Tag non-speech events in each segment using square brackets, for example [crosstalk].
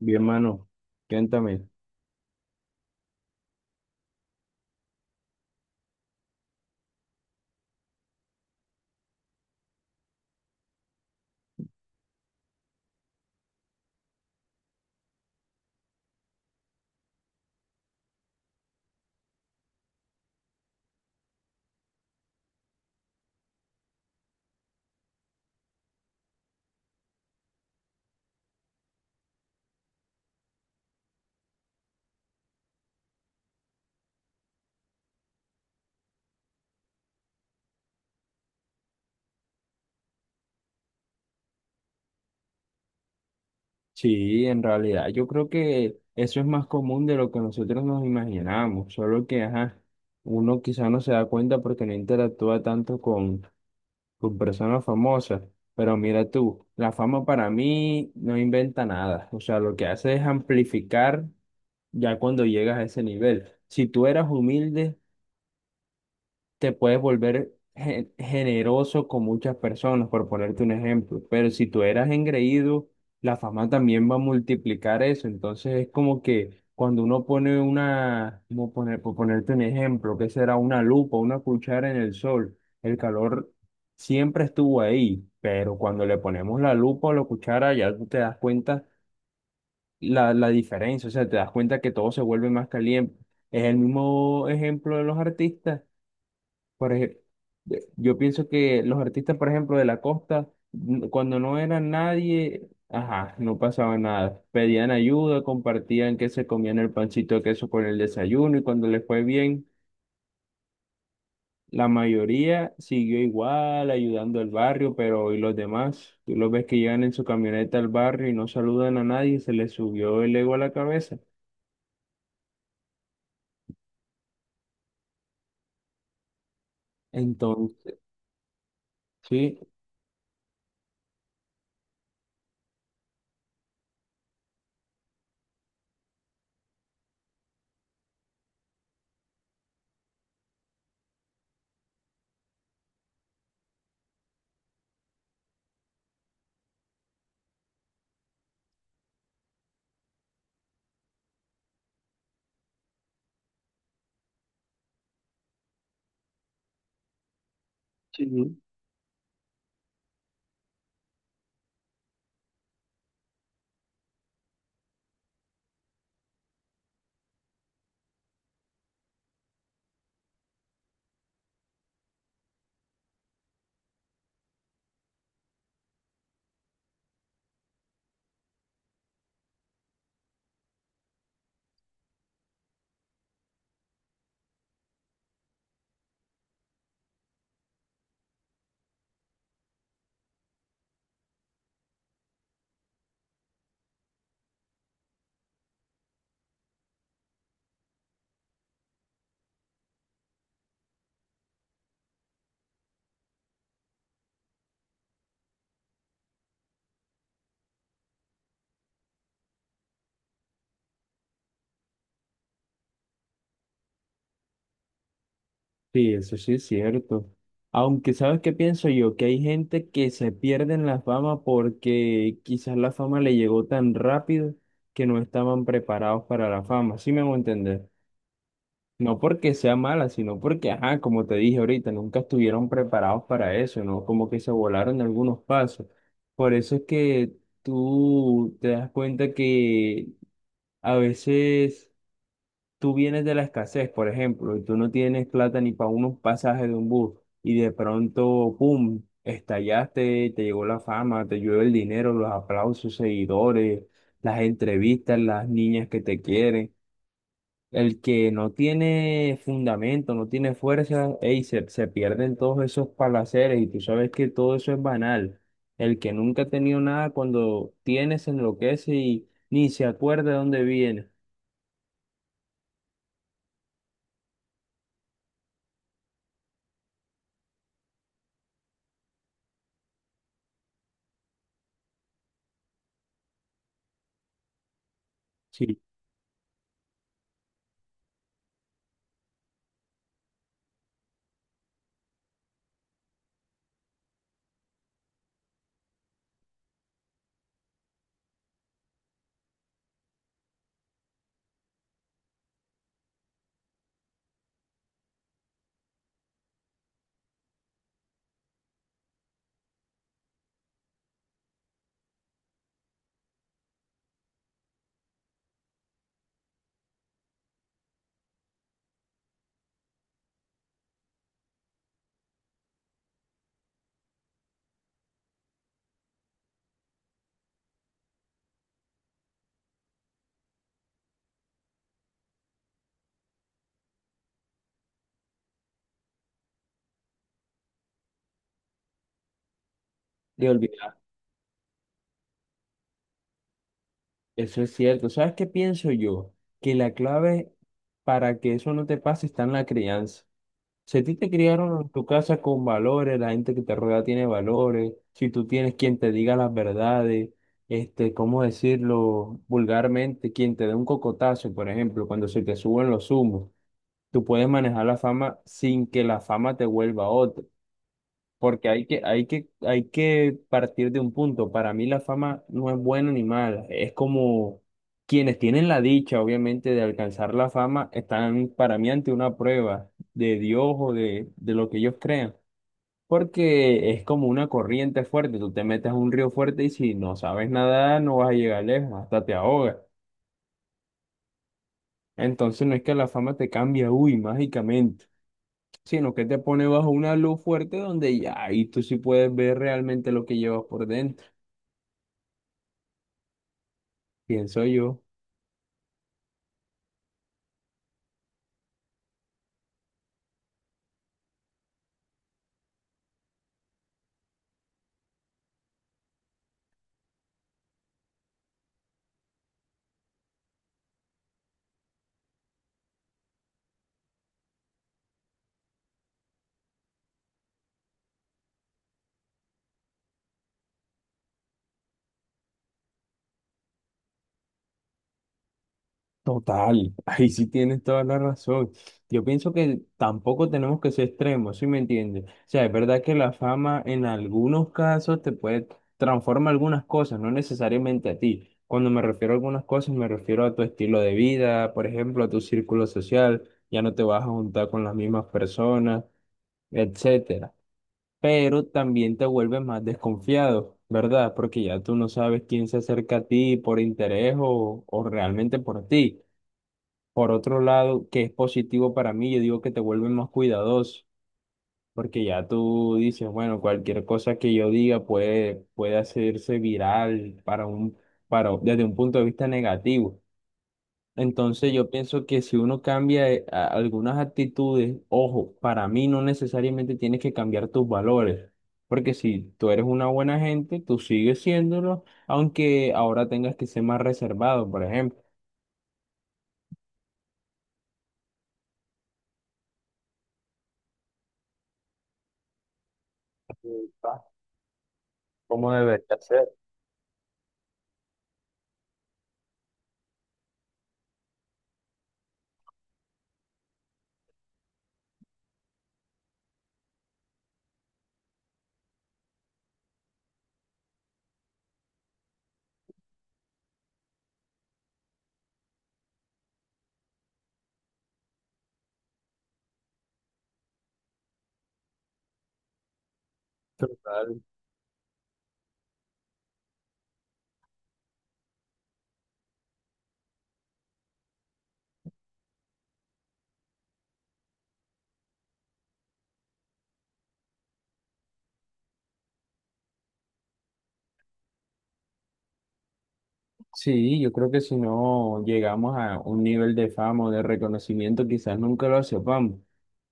Bien, mano, cuéntame. Sí, en realidad yo creo que eso es más común de lo que nosotros nos imaginamos, solo que, ajá, uno quizá no se da cuenta porque no interactúa tanto con personas famosas, pero mira tú, la fama para mí no inventa nada, o sea, lo que hace es amplificar ya cuando llegas a ese nivel. Si tú eras humilde, te puedes volver generoso con muchas personas, por ponerte un ejemplo. Pero si tú eras engreído, la fama también va a multiplicar eso. Entonces es como que cuando uno pone una, como poner, por ponerte un ejemplo, que será una lupa, una cuchara en el sol, el calor siempre estuvo ahí, pero cuando le ponemos la lupa o la cuchara, ya tú te das cuenta la diferencia, o sea, te das cuenta que todo se vuelve más caliente. Es el mismo ejemplo de los artistas, por ejemplo, yo pienso que los artistas, por ejemplo, de la costa, cuando no era nadie, ajá, no pasaba nada. Pedían ayuda, compartían que se comían el pancito de queso con el desayuno y cuando les fue bien, la mayoría siguió igual ayudando al barrio, pero ¿y los demás? Tú los ves que llegan en su camioneta al barrio y no saludan a nadie, se les subió el ego a la cabeza. Entonces, sí. Sí. Sí, eso sí es cierto. Aunque sabes qué pienso yo, que hay gente que se pierde en la fama porque quizás la fama le llegó tan rápido que no estaban preparados para la fama, ¿sí me hago entender? No porque sea mala, sino porque, ajá, como te dije ahorita, nunca estuvieron preparados para eso, ¿no? Como que se volaron algunos pasos. Por eso es que tú te das cuenta que a veces tú vienes de la escasez, por ejemplo, y tú no tienes plata ni para unos pasajes de un bus, y de pronto, ¡pum!, estallaste, te llegó la fama, te llueve el dinero, los aplausos, seguidores, las entrevistas, las niñas que te quieren. El que no tiene fundamento, no tiene fuerza, ey, se pierden todos esos palaceres y tú sabes que todo eso es banal. El que nunca ha tenido nada, cuando tiene, se enloquece y ni se acuerda de dónde viene. Sí, le olvidó. Eso es cierto. ¿Sabes qué pienso yo? Que la clave para que eso no te pase está en la crianza. Si a ti te criaron en tu casa con valores, la gente que te rodea tiene valores, si tú tienes quien te diga las verdades, este, ¿cómo decirlo vulgarmente? Quien te dé un cocotazo, por ejemplo, cuando se te suben los humos, tú puedes manejar la fama sin que la fama te vuelva otra. Porque hay que partir de un punto. Para mí la fama no es buena ni mala. Es como quienes tienen la dicha, obviamente, de alcanzar la fama, están para mí ante una prueba de Dios o de lo que ellos crean. Porque es como una corriente fuerte. Tú te metes a un río fuerte y si no sabes nadar, no vas a llegar lejos, hasta te ahogas. Entonces no es que la fama te cambie, uy, mágicamente, sino que te pone bajo una luz fuerte donde ya y tú sí puedes ver realmente lo que llevas por dentro. Pienso yo, total, [laughs] ahí sí tienes toda la razón. Yo pienso que tampoco tenemos que ser extremos, ¿sí me entiendes? O sea, es verdad que la fama en algunos casos te puede transformar algunas cosas, no necesariamente a ti. Cuando me refiero a algunas cosas, me refiero a tu estilo de vida, por ejemplo, a tu círculo social, ya no te vas a juntar con las mismas personas, etcétera, pero también te vuelves más desconfiado, ¿verdad? Porque ya tú no sabes quién se acerca a ti por interés o realmente por ti. Por otro lado, que es positivo para mí, yo digo que te vuelves más cuidadoso, porque ya tú dices, bueno, cualquier cosa que yo diga puede hacerse viral desde un punto de vista negativo. Entonces yo pienso que si uno cambia algunas actitudes, ojo, para mí no necesariamente tienes que cambiar tus valores, porque si tú eres una buena gente, tú sigues siéndolo, aunque ahora tengas que ser más reservado, por ejemplo. ¿Cómo debería ser? Sí, yo creo que si no llegamos a un nivel de fama o de reconocimiento, quizás nunca lo sepamos.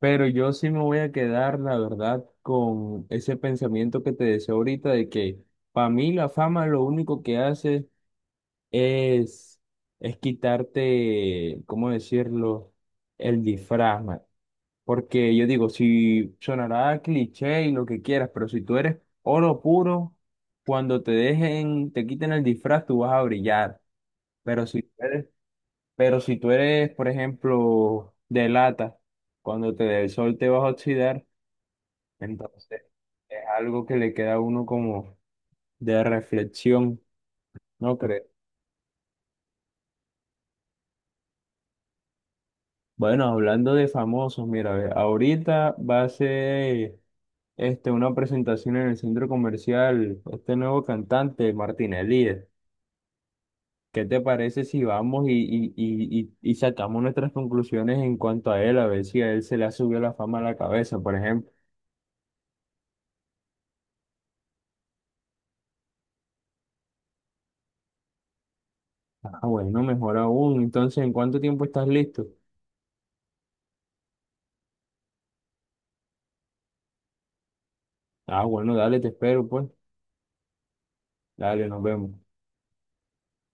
Pero yo sí me voy a quedar, la verdad, con ese pensamiento que te decía ahorita de que para mí la fama lo único que hace es, es quitarte, ¿cómo decirlo?, el disfraz, man. Porque yo digo, si sonará cliché y lo que quieras, pero si tú eres oro puro, cuando te dejen, te quiten el disfraz, tú vas a brillar. Pero si tú eres, pero si tú eres, por ejemplo, de lata, cuando te dé el sol te vas a oxidar, entonces es algo que le queda a uno como de reflexión, ¿no crees? Bueno, hablando de famosos, mira, ve, ahorita va a ser, este, una presentación en el centro comercial, este nuevo cantante, Martín Elías. ¿Qué te parece si vamos y, y sacamos nuestras conclusiones en cuanto a él, a ver si a él se le ha subido la fama a la cabeza, por ejemplo? Ah, bueno, mejor aún. Entonces, ¿en cuánto tiempo estás listo? Ah, bueno, dale, te espero, pues. Dale, nos vemos.